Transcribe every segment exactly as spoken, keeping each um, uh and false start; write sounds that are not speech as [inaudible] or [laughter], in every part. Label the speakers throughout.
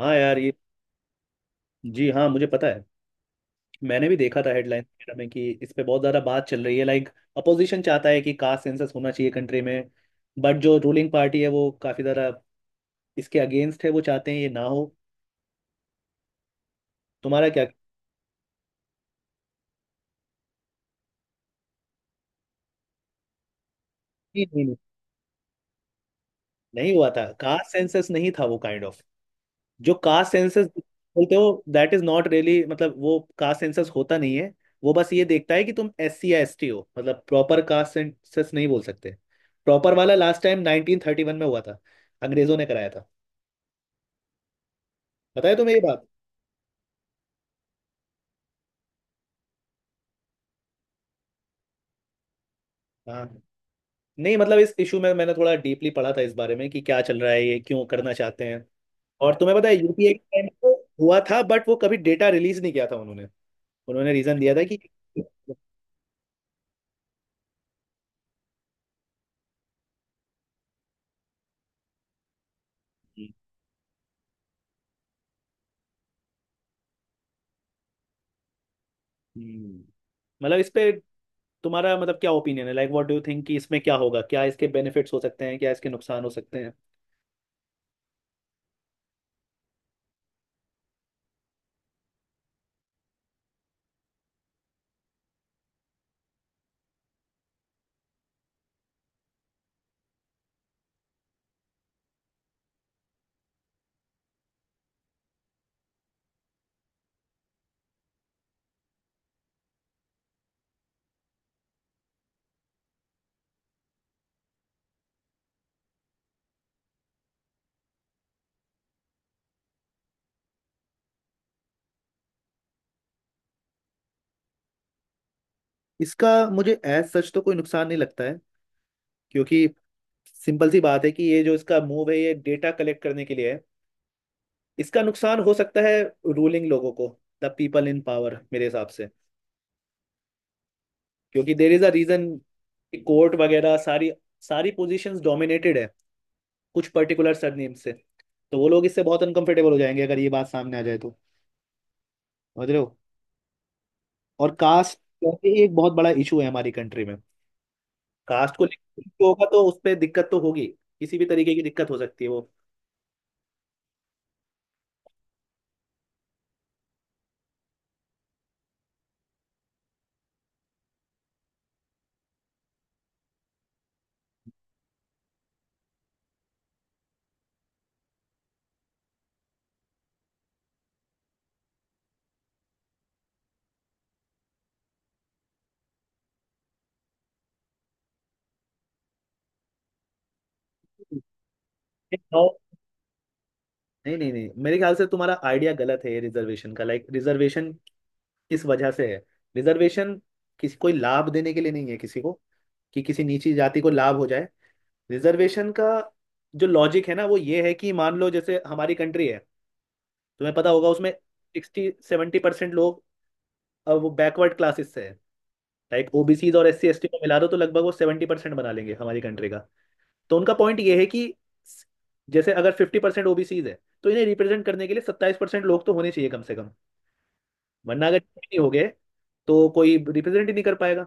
Speaker 1: हाँ यार ये। जी हाँ, मुझे पता है। मैंने भी देखा था हेडलाइन वगैरह में कि इस पे बहुत ज़्यादा बात चल रही है, लाइक अपोजिशन चाहता है कि कास्ट सेंसस होना चाहिए कंट्री में। बट जो रूलिंग पार्टी है वो काफ़ी ज़्यादा इसके अगेंस्ट है, वो चाहते हैं ये ना हो। तुम्हारा क्या? नहीं नहीं नहीं। नहीं हुआ था कास्ट सेंसस, नहीं था वो काइंड ऑफ। जो कास्ट सेंसस बोलते हो दैट इज नॉट रियली, मतलब वो कास्ट सेंसस होता नहीं है। वो बस ये देखता है कि तुम एस सी या एस टी हो, मतलब प्रॉपर कास्ट सेंसस नहीं बोल सकते। प्रॉपर वाला लास्ट टाइम उन्नीस सौ इकतीस में हुआ था, अंग्रेजों ने कराया था। पता है तुम्हें ये बात? हाँ, नहीं मतलब इस इशू में मैंने थोड़ा डीपली पढ़ा था, इस बारे में कि क्या चल रहा है, ये क्यों करना चाहते हैं। और तुम्हें पता है यूपीए के टाइम पे हुआ था, बट वो कभी डेटा रिलीज नहीं किया था उन्होंने। उन्होंने रीजन दिया था कि। हम्म। मतलब इस पे तुम्हारा मतलब क्या ओपिनियन है, like what do you think, कि इसमें क्या होगा, क्या इसके बेनिफिट्स हो सकते हैं, क्या इसके नुकसान हो सकते हैं? इसका मुझे एज सच तो कोई नुकसान नहीं लगता है। क्योंकि सिंपल सी बात है कि ये जो इसका मूव है ये डेटा कलेक्ट करने के लिए है। इसका नुकसान हो सकता है रूलिंग लोगों को, द पीपल इन पावर, मेरे हिसाब से। क्योंकि there is a reason, court वगैरह सारी सारी पोजीशंस डोमिनेटेड है कुछ पर्टिकुलर सरनेम से। तो वो लोग इससे बहुत अनकंफर्टेबल हो जाएंगे अगर ये बात सामने आ जाए तो। समझ रहे हो? और कास्ट करके एक बहुत बड़ा इशू है हमारी कंट्री में। कास्ट को लेकर होगा तो उस पर दिक्कत तो होगी। किसी भी तरीके की दिक्कत हो सकती है वो। और- नहीं नहीं नहीं, मेरे ख्याल से तुम्हारा आइडिया गलत है रिजर्वेशन का, लाइक रिजर्वेशन किस वजह से है? रिजर्वेशन किसी कोई लाभ देने के लिए नहीं है किसी को, कि किसी नीची जाति को लाभ हो जाए। रिजर्वेशन का जो लॉजिक है ना वो ये है कि मान लो जैसे हमारी कंट्री है, तुम्हें पता होगा उसमें सिक्सटी सेवेंटी परसेंट लोग अ, वो बैकवर्ड क्लासेस से है। लाइक ओबीसी और एससी एसटी को मिला दो तो लगभग वो सेवेंटी परसेंट बना लेंगे हमारी कंट्री का। तो उनका पॉइंट ये है कि जैसे अगर फिफ्टी परसेंट ओबीसीज है, तो इन्हें रिप्रेजेंट करने के लिए सत्ताईस परसेंट लोग तो होने चाहिए कम से कम। वरना अगर ये नहीं हो गए तो कोई रिप्रेजेंट ही नहीं कर पाएगा।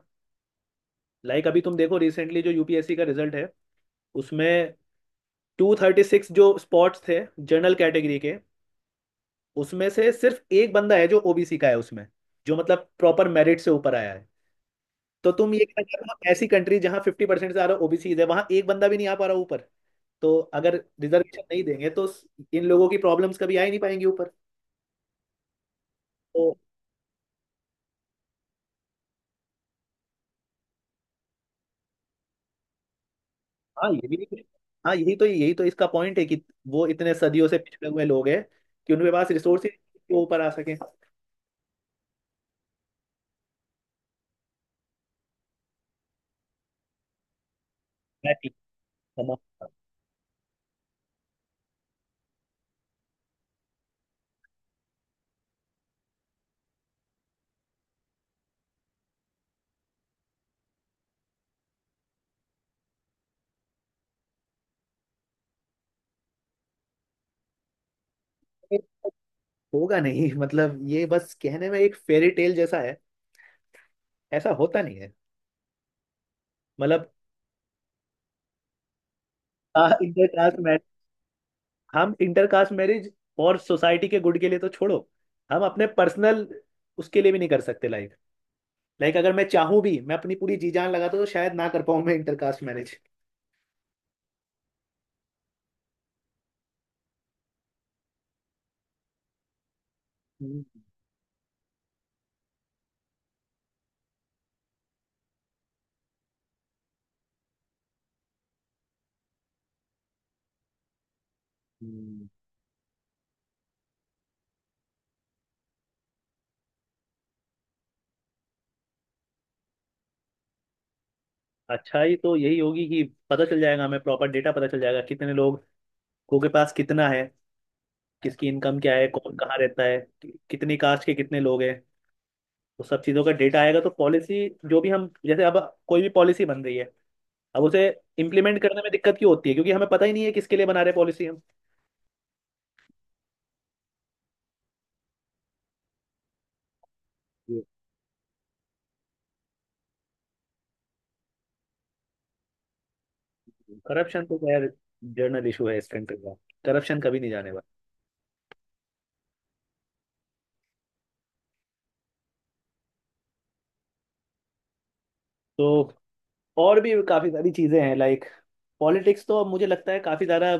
Speaker 1: लाइक like अभी तुम देखो रिसेंटली जो यूपीएससी का रिजल्ट है, उसमें टू थर्टी सिक्स जो स्पॉट्स थे जनरल कैटेगरी के, उसमें से सिर्फ एक बंदा है जो ओबीसी का है उसमें, जो मतलब प्रॉपर मेरिट से ऊपर आया है। तो तुम ये कहना चाह रहे हो, "हाँ, ऐसी कंट्री जहाँ फिफ्टी परसेंट से ज्यादा ओबीसी है वहां एक बंदा भी नहीं आ पा रहा ऊपर।" तो अगर रिजर्वेशन नहीं देंगे तो इन लोगों की प्रॉब्लम्स कभी आ ही नहीं पाएंगी ऊपर। तो हाँ, ये भी नहीं। हाँ, यही तो यही तो इसका पॉइंट है कि वो इतने सदियों से पिछड़े हुए लोग हैं कि उनके पास रिसोर्स ही नहीं है कि वो ऊपर आ सके। हमारे होगा नहीं [laughs] मतलब ये बस कहने में एक फेरी टेल जैसा है, ऐसा होता नहीं है। मतलब हम इंटरकास्ट मैरिज और सोसाइटी के गुड के लिए तो छोड़ो, हम अपने पर्सनल उसके लिए भी नहीं कर सकते। लाइक लाइक अगर मैं चाहूँ भी, मैं अपनी पूरी जी जान लगा तो शायद ना कर पाऊँ मैं इंटरकास्ट मैरिज। हम्म। हम्म। अच्छा ही तो यही होगी कि पता चल जाएगा, हमें प्रॉपर डेटा पता चल जाएगा कितने लोग को के पास कितना है, किसकी इनकम क्या है, कौन कहाँ रहता है, कि- कितनी कास्ट के कितने लोग हैं। तो सब चीज़ों का डेटा आएगा तो पॉलिसी जो भी, हम जैसे अब कोई भी पॉलिसी बन रही है, अब उसे इम्प्लीमेंट करने में दिक्कत क्यों होती है? क्योंकि हमें पता ही नहीं है किसके लिए बना रहे पॉलिसी हम। करप्शन तो खैर जर्नल इशू है इस कंट्री का, करप्शन कभी नहीं जाने वाला। तो और भी काफी सारी चीजें हैं, लाइक पॉलिटिक्स तो अब मुझे लगता है काफी ज्यादा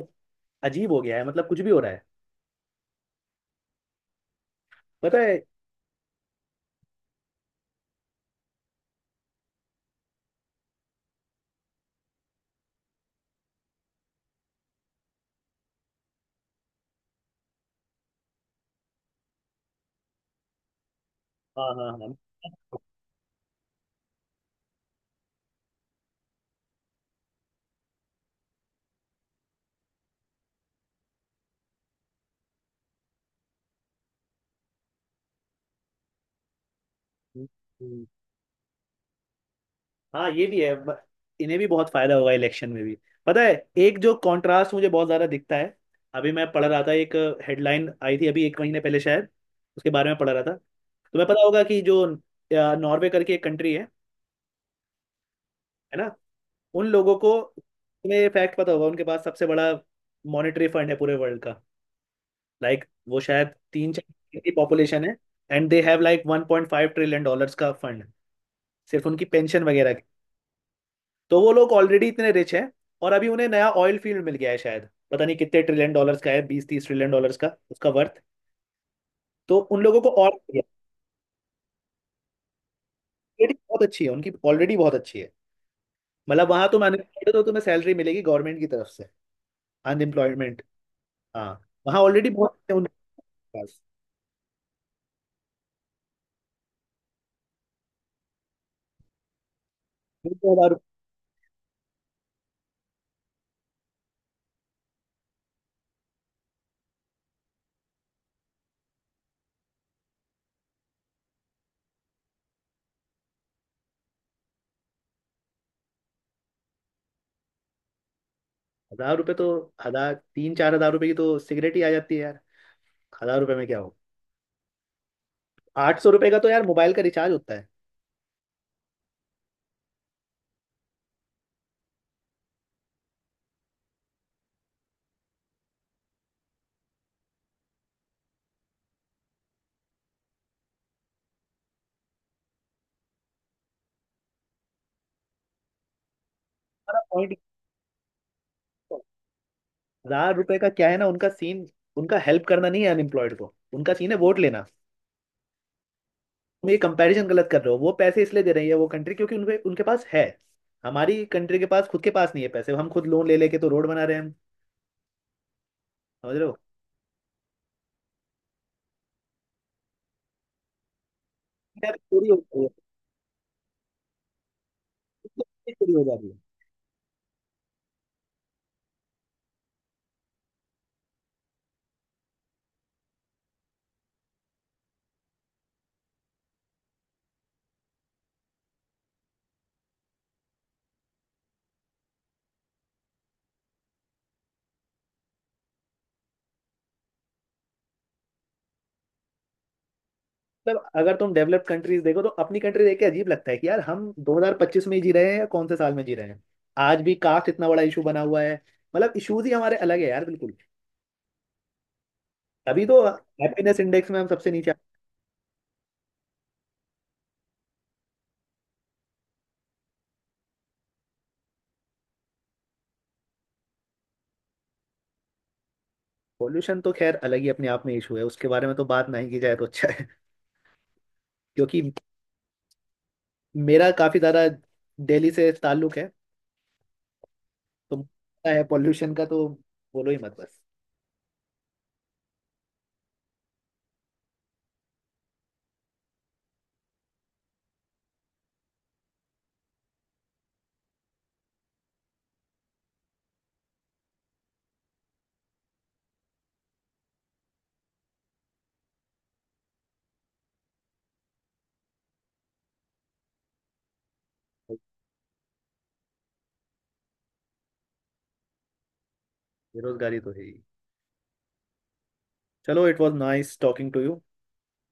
Speaker 1: अजीब हो गया है, मतलब कुछ भी हो रहा है। पता है? हाँ हाँ हाँ। हम्म, हाँ ये भी है। ब- इन्हें भी बहुत फायदा होगा इलेक्शन में भी। पता है, एक जो कंट्रास्ट मुझे बहुत ज्यादा दिखता है, अभी मैं पढ़ रहा था, एक हेडलाइन आई थी अभी एक महीने पहले शायद, उसके बारे में पढ़ रहा था। तुम्हें पता होगा कि जो अ, नॉर्वे करके एक कंट्री है है ना? उन लोगों को, तुम्हें ये फैक्ट पता होगा, उनके पास सबसे बड़ा मॉनेटरी फंड है पूरे वर्ल्ड का। लाइक वो शायद तीन चार की पॉपुलेशन है, and they have like one point five trillion dollars का फंड सिर्फ उनकी पेंशन वगैरह की। तो वो लोग ऑलरेडी इतने रिच हैं, और अभी उन्हें नया ऑयल फील्ड मिल गया है शायद, पता नहीं कितने ट्रिलियन डॉलर्स का है, बीस तीस ट्रिलियन डॉलर्स का उसका वर्थ। तो उन लोगों को और ऑलरेडी बहुत अच्छी है उनकी, ऑलरेडी बहुत अच्छी है। मतलब वहां तुम अनएम्प्लॉयड हो तो तुम्हें सैलरी मिलेगी गवर्नमेंट की तरफ से, अनएम्प्लॉयमेंट। हाँ। वहाँ ऑलरेडी बहुत है उनके पास। दो। हजार रुपए तो, हजार, तीन चार हजार रुपए की तो सिगरेट ही आ जाती है यार। हजार रुपए में क्या हो? आठ सौ रुपए का तो यार मोबाइल का रिचार्ज होता है। हमारा point ये है। हजार रुपए का क्या है ना, उनका सीन उनका हेल्प करना नहीं है अनएम्प्लॉयड को, उनका सीन है वोट लेना। तुम ये कंपैरिजन गलत कर रहे हो, वो पैसे इसलिए दे रही है वो कंट्री क्योंकि उनके उनके पास है। हमारी कंट्री के पास खुद के पास नहीं है पैसे, हम खुद लोन ले लेके तो रोड बना रहे हैं हम। समझ रहे हो? यार चोरी हो रही है, चोरी हो जा रही है। मतलब अगर तुम डेवलप्ड कंट्रीज देखो तो अपनी कंट्री देख के अजीब लगता है कि यार हम दो हज़ार पच्चीस में ही जी रहे हैं या कौन से साल में जी रहे हैं। आज भी कास्ट इतना बड़ा इशू बना हुआ है। मतलब इश्यूज ही हमारे अलग है यार, बिल्कुल। तभी तो हैप्पीनेस इंडेक्स में हम सबसे नीचे। पॉल्यूशन तो खैर अलग ही अपने आप में इशू है, उसके बारे में तो बात नहीं की जाए तो अच्छा है [laughs] क्योंकि मेरा काफी ज्यादा दिल्ली से ताल्लुक है, तो मुझे पता है, पॉल्यूशन का तो बोलो ही मत बस। बेरोजगारी तो है ही। चलो, it was nice talking to you.